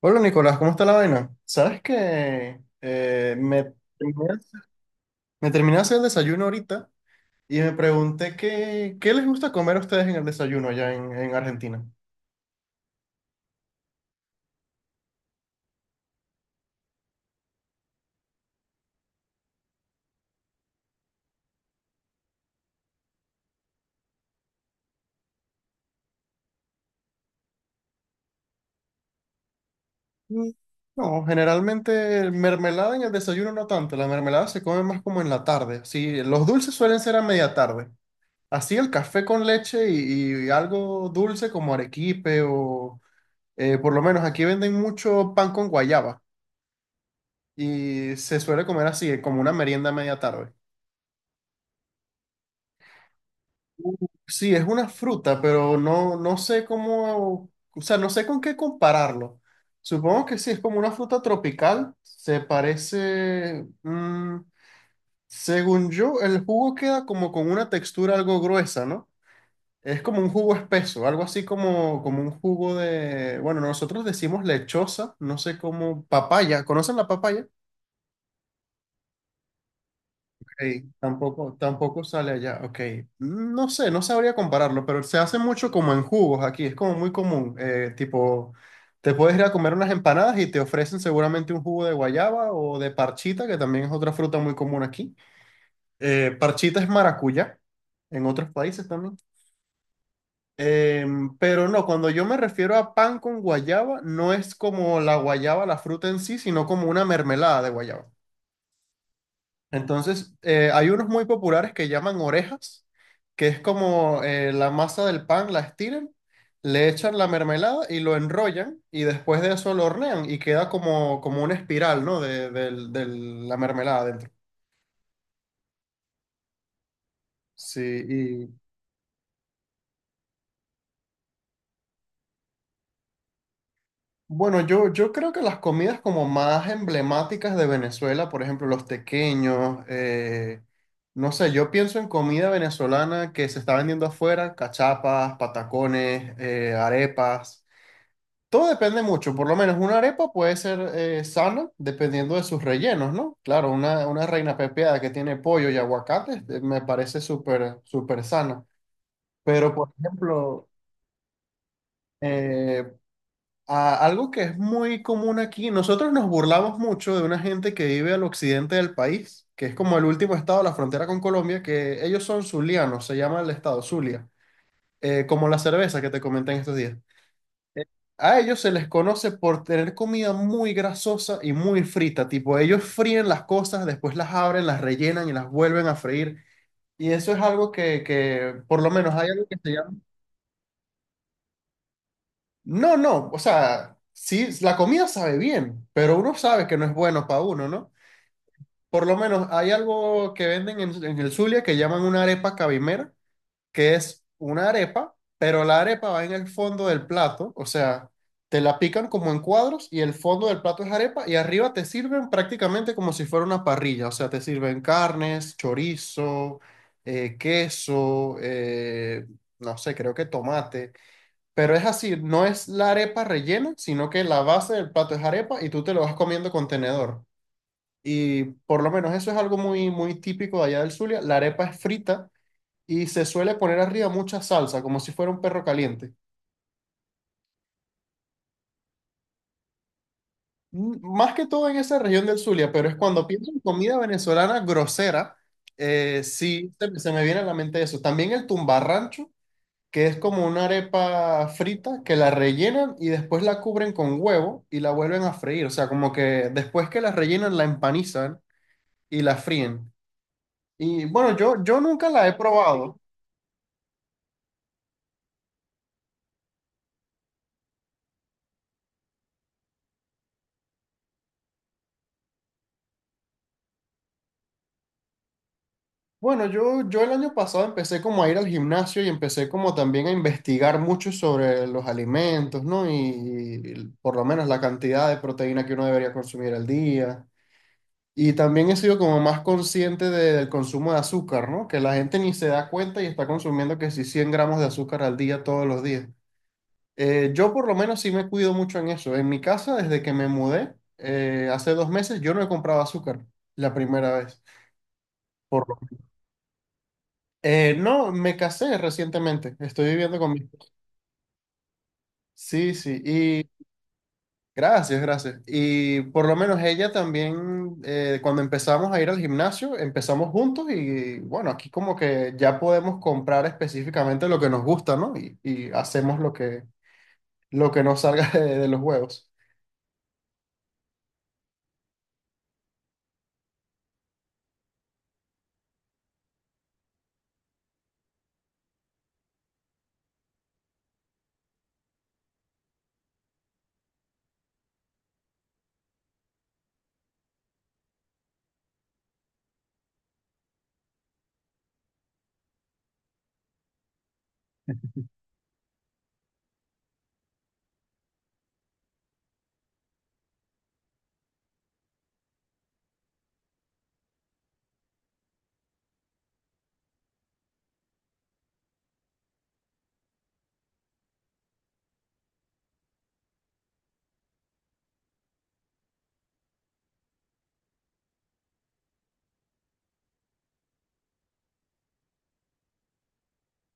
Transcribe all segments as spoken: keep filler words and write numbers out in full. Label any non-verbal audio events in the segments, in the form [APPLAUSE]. Hola Nicolás, ¿cómo está la vaina? Sabes que eh, me, terminé me terminé de hacer el desayuno ahorita y me pregunté qué, qué les gusta comer a ustedes en el desayuno allá en, en Argentina. Mm, no, generalmente mermelada en el desayuno no tanto, la mermelada se come más como en la tarde. Sí, los dulces suelen ser a media tarde. Así el café con leche y, y algo dulce como arequipe o eh, por lo menos aquí venden mucho pan con guayaba y se suele comer así, como una merienda a media tarde. Sí, es una fruta, pero no, no sé cómo, o sea, no sé con qué compararlo. Supongo que sí, es como una fruta tropical. Se parece, mm, según yo, el jugo queda como con una textura algo gruesa, ¿no? Es como un jugo espeso, algo así como, como un jugo de, bueno, nosotros decimos lechosa, no sé cómo, papaya, ¿conocen la papaya? Ey, tampoco, tampoco sale allá. Ok. Mm, No sé, no sabría compararlo, pero se hace mucho como en jugos aquí. Es como muy común. Eh, tipo, te puedes ir a comer unas empanadas y te ofrecen seguramente un jugo de guayaba o de parchita, que también es otra fruta muy común aquí. Eh, parchita es maracuyá en otros países también. Em, pero no, cuando yo me refiero a pan con guayaba, no es como la guayaba, la fruta en sí, sino como una mermelada de guayaba. Entonces, eh, hay unos muy populares que llaman orejas, que es como eh, la masa del pan, la estiran, le echan la mermelada y lo enrollan y después de eso lo hornean y queda como, como una espiral, ¿no? De, del- del- la mermelada adentro. Sí, y bueno, yo, yo creo que las comidas como más emblemáticas de Venezuela, por ejemplo, los tequeños, eh, no sé, yo pienso en comida venezolana que se está vendiendo afuera, cachapas, patacones, eh, arepas. Todo depende mucho, por lo menos una arepa puede ser eh, sana dependiendo de sus rellenos, ¿no? Claro, una, una reina pepiada que tiene pollo y aguacate eh, me parece súper, súper sana. Pero, por ejemplo, eh, a- algo que es muy común aquí, nosotros nos burlamos mucho de una gente que vive al occidente del país, que es como el último estado de la frontera con Colombia, que ellos son zulianos, se llama el estado Zulia, eh, como la cerveza que te comenté en estos días. Eh, A ellos se les conoce por tener comida muy grasosa y muy frita, tipo ellos fríen las cosas, después las abren, las rellenan y las vuelven a freír. Y eso es algo que, que por lo menos hay algo que se llama... No, no, o sea, sí, la comida sabe bien, pero uno sabe que no es bueno para uno, ¿no? Por lo menos hay algo que venden en, en el Zulia que llaman una arepa cabimera que es una arepa, pero la arepa va en el fondo del plato, o sea, te la pican como en cuadros y el fondo del plato es arepa y arriba te sirven prácticamente como si fuera una parrilla, o sea, te sirven carnes, chorizo, eh, queso, eh, no sé, creo que tomate, pero es así, no es la arepa rellena, sino que la base del plato es arepa y tú te lo vas comiendo con tenedor. Y por lo menos eso es algo muy, muy típico de allá del Zulia. La arepa es frita y se suele poner arriba mucha salsa, como si fuera un perro caliente. M- Más que todo en esa región del Zulia, pero es cuando pienso en comida venezolana grosera, eh, sí se, se me viene a la mente eso. También el tumbarrancho, que es como una arepa frita que la rellenan y después la cubren con huevo y la vuelven a freír. O sea, como que después que la rellenan, la empanizan y la fríen. Y bueno, yo, yo nunca la he probado. Bueno, yo, yo el año pasado empecé como a ir al gimnasio y empecé como también a investigar mucho sobre los alimentos, ¿no? Y, y por lo menos la cantidad de proteína que uno debería consumir al día. Y también he sido como más consciente de- del consumo de azúcar, ¿no? Que la gente ni se da cuenta y está consumiendo que si cien gramos de azúcar al día todos los días. Eh, yo por lo menos sí me cuido mucho en eso. En mi casa, desde que me mudé, eh, hace dos meses, yo no he comprado azúcar la primera vez. Eh, no, me casé recientemente. Estoy viviendo con mi esposa. Sí, sí. Y gracias, gracias. Y por lo menos ella también, eh, cuando empezamos a ir al gimnasio, empezamos juntos y bueno, aquí como que ya podemos comprar específicamente lo que nos gusta, ¿no? Y, y hacemos lo que, lo que nos salga [LAUGHS] de, de los huevos.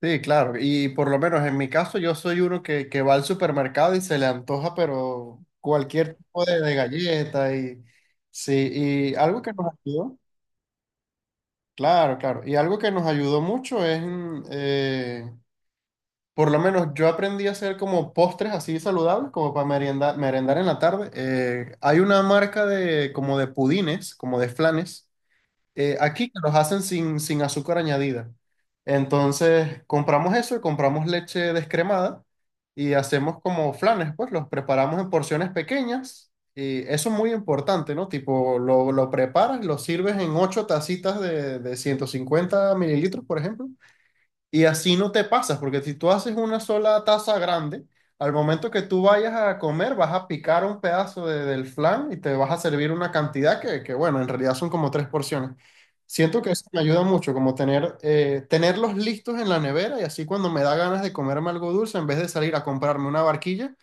Sí, claro. Y por lo menos en mi caso, yo soy uno que, que va al supermercado y se le antoja, pero cualquier tipo de, de galleta y sí. Y algo que nos ayudó. Claro, claro. Y algo que nos ayudó mucho es, mm, eh, por lo menos yo aprendí a hacer como postres así saludables, como para merienda- merendar en la tarde. Eh, hay una marca de como de pudines, como de flanes eh, aquí que los hacen sin, sin azúcar añadida. Entonces, compramos eso y compramos leche descremada y hacemos como flanes, pues los preparamos en porciones pequeñas y eso es muy importante, ¿no? Tipo, lo, lo preparas, lo sirves en ocho tacitas de, de ciento cincuenta mililitros, por ejemplo, y así no te pasas, porque si tú haces una sola taza grande, al momento que tú vayas a comer, vas a picar un pedazo de- del flan y te vas a servir una cantidad que, que, bueno, en realidad son como tres porciones. Siento que eso me ayuda mucho, como tener, eh, tenerlos listos en la nevera y así cuando me da ganas de comerme algo dulce, en vez de salir a comprarme una barquilla,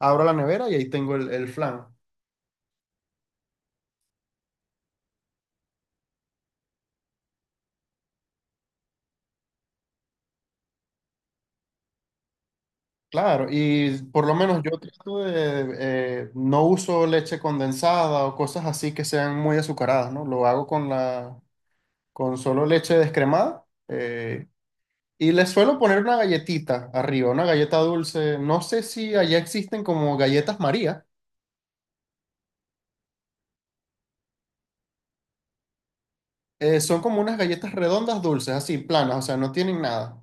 abro la nevera y ahí tengo el, el flan. Claro, y por lo menos yo trato de, eh, no uso leche condensada o cosas así que sean muy azucaradas, ¿no? Lo hago con la, con solo leche descremada, eh, y le suelo poner una galletita arriba, una galleta dulce. No sé si allá existen como galletas María. Eh, son como unas galletas redondas dulces, así, planas, o sea, no tienen nada.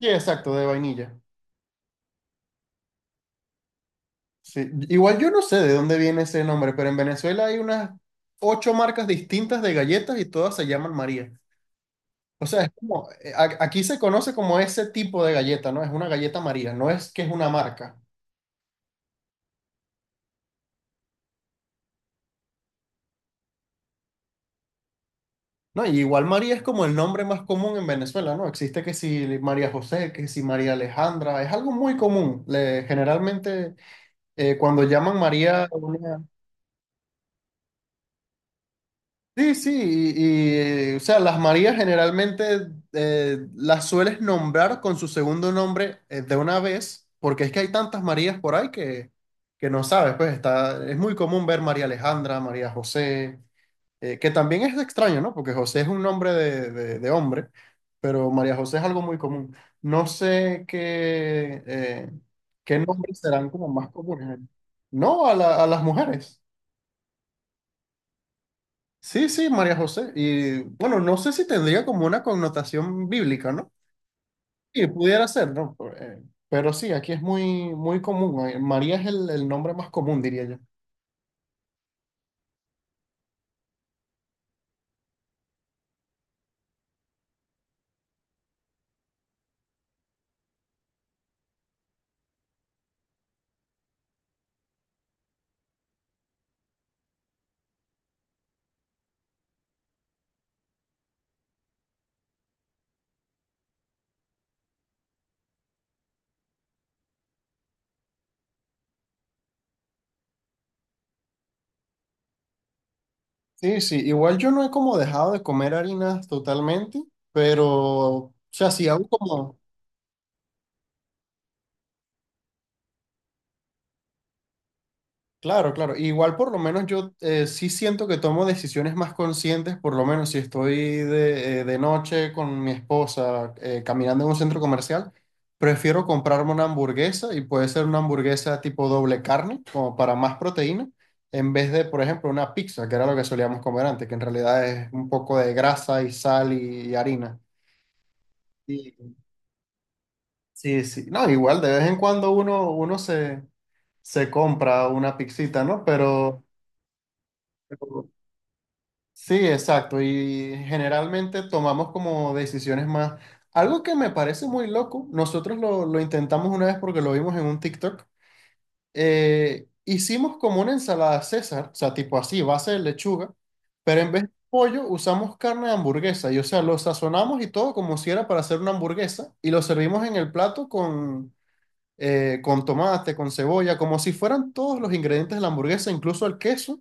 Sí, exacto, de vainilla. Sí. Igual yo no sé de dónde viene ese nombre, pero en Venezuela hay unas ocho marcas distintas de galletas y todas se llaman María. O sea, es como, eh, a- aquí se conoce como ese tipo de galleta, ¿no? Es una galleta María, no es que es una marca, ¿no? Y igual María es como el nombre más común en Venezuela, ¿no? Existe que si María José, que si María Alejandra, es algo muy común. Le- generalmente eh, cuando llaman María a una... Sí, sí, y, y, o sea, las Marías generalmente eh, las sueles nombrar con su segundo nombre eh, de una vez, porque es que hay tantas Marías por ahí que, que no sabes, pues está, es muy común ver María Alejandra, María José, eh, que también es extraño, ¿no? Porque José es un nombre de, de- de hombre, pero María José es algo muy común. No sé qué, eh, qué nombres serán como más comunes. No, a la- a las mujeres. Sí, sí, María José. Y bueno, no sé si tendría como una connotación bíblica, ¿no? Y pudiera ser, ¿no? Por- eh, pero sí, aquí es muy, muy común. Eh, María es el, el nombre más común, diría yo. Sí, sí, igual yo no he como dejado de comer harinas totalmente, pero, o sea, sí hago como... Claro, claro. Igual por lo menos yo eh, sí siento que tomo decisiones más conscientes, por lo menos si estoy de, eh, de noche con mi esposa eh, caminando en un centro comercial, prefiero comprarme una hamburguesa y puede ser una hamburguesa tipo doble carne, como para más proteína, en vez de, por ejemplo, una pizza, que era lo que solíamos comer antes, que en realidad es un poco de grasa y sal y, y harina. Sí, sí. Sí. No, igual de vez en cuando uno, uno se, se compra una pizzita, ¿no? Pero... Sí, exacto. Y generalmente tomamos como decisiones más. Algo que me parece muy loco, nosotros lo, lo intentamos una vez porque lo vimos en un TikTok. Eh, hicimos como una ensalada César, o sea, tipo así, base de lechuga, pero en vez de pollo usamos carne de hamburguesa. Y o sea, lo sazonamos y todo como si era para hacer una hamburguesa y lo servimos en el plato con, eh, con tomate, con cebolla, como si fueran todos los ingredientes de la hamburguesa, incluso el queso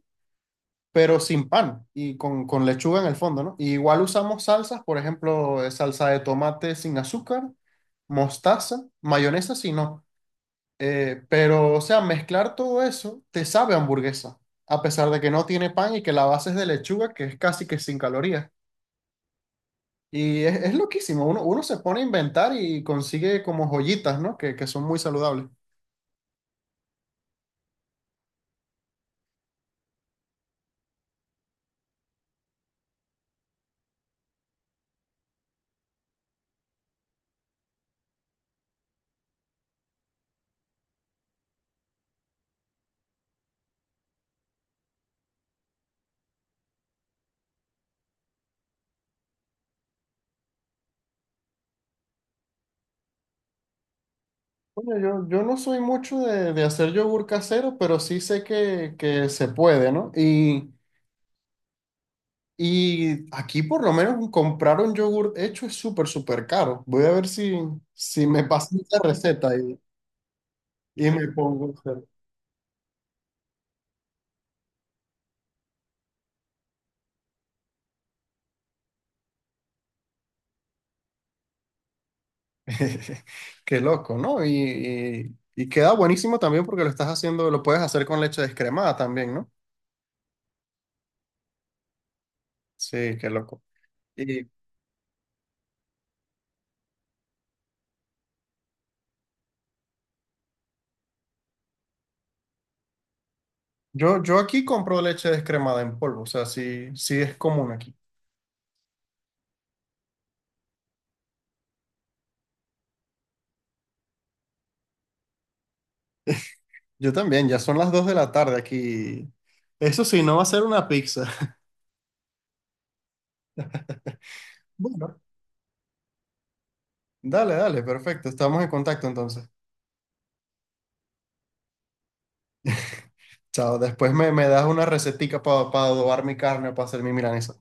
pero sin pan y con, con lechuga en el fondo, ¿no? Y igual usamos salsas, por ejemplo, eh, salsa de tomate sin azúcar, mostaza, mayonesa si no. Eh, pero, o sea, mezclar todo eso te sabe a hamburguesa, a pesar de que no tiene pan y que la base es de lechuga, que es casi que sin calorías. Y es, es loquísimo, uno, uno se pone a inventar y consigue como joyitas, ¿no? Que, que son muy saludables. Bueno, yo, yo no soy mucho de, de hacer yogur casero, pero sí sé que, que se puede, ¿no? Y y aquí por lo menos comprar un yogur hecho es súper, súper caro. Voy a ver si, si me pasan esa receta y, y me pongo a hacer. [LAUGHS] Qué loco, ¿no? Y, y, y queda buenísimo también porque lo estás haciendo, lo puedes hacer con leche descremada también, ¿no? Sí, qué loco. Y yo, yo aquí compro leche descremada en polvo, o sea, sí, sí es común aquí. Yo también, ya son las dos de la tarde aquí. Eso sí, no va a ser una pizza. [LAUGHS] Bueno, dale, dale, perfecto, estamos en contacto entonces. Chao, después me, me das una recetica para adobar mi carne o para hacer mi milanesa.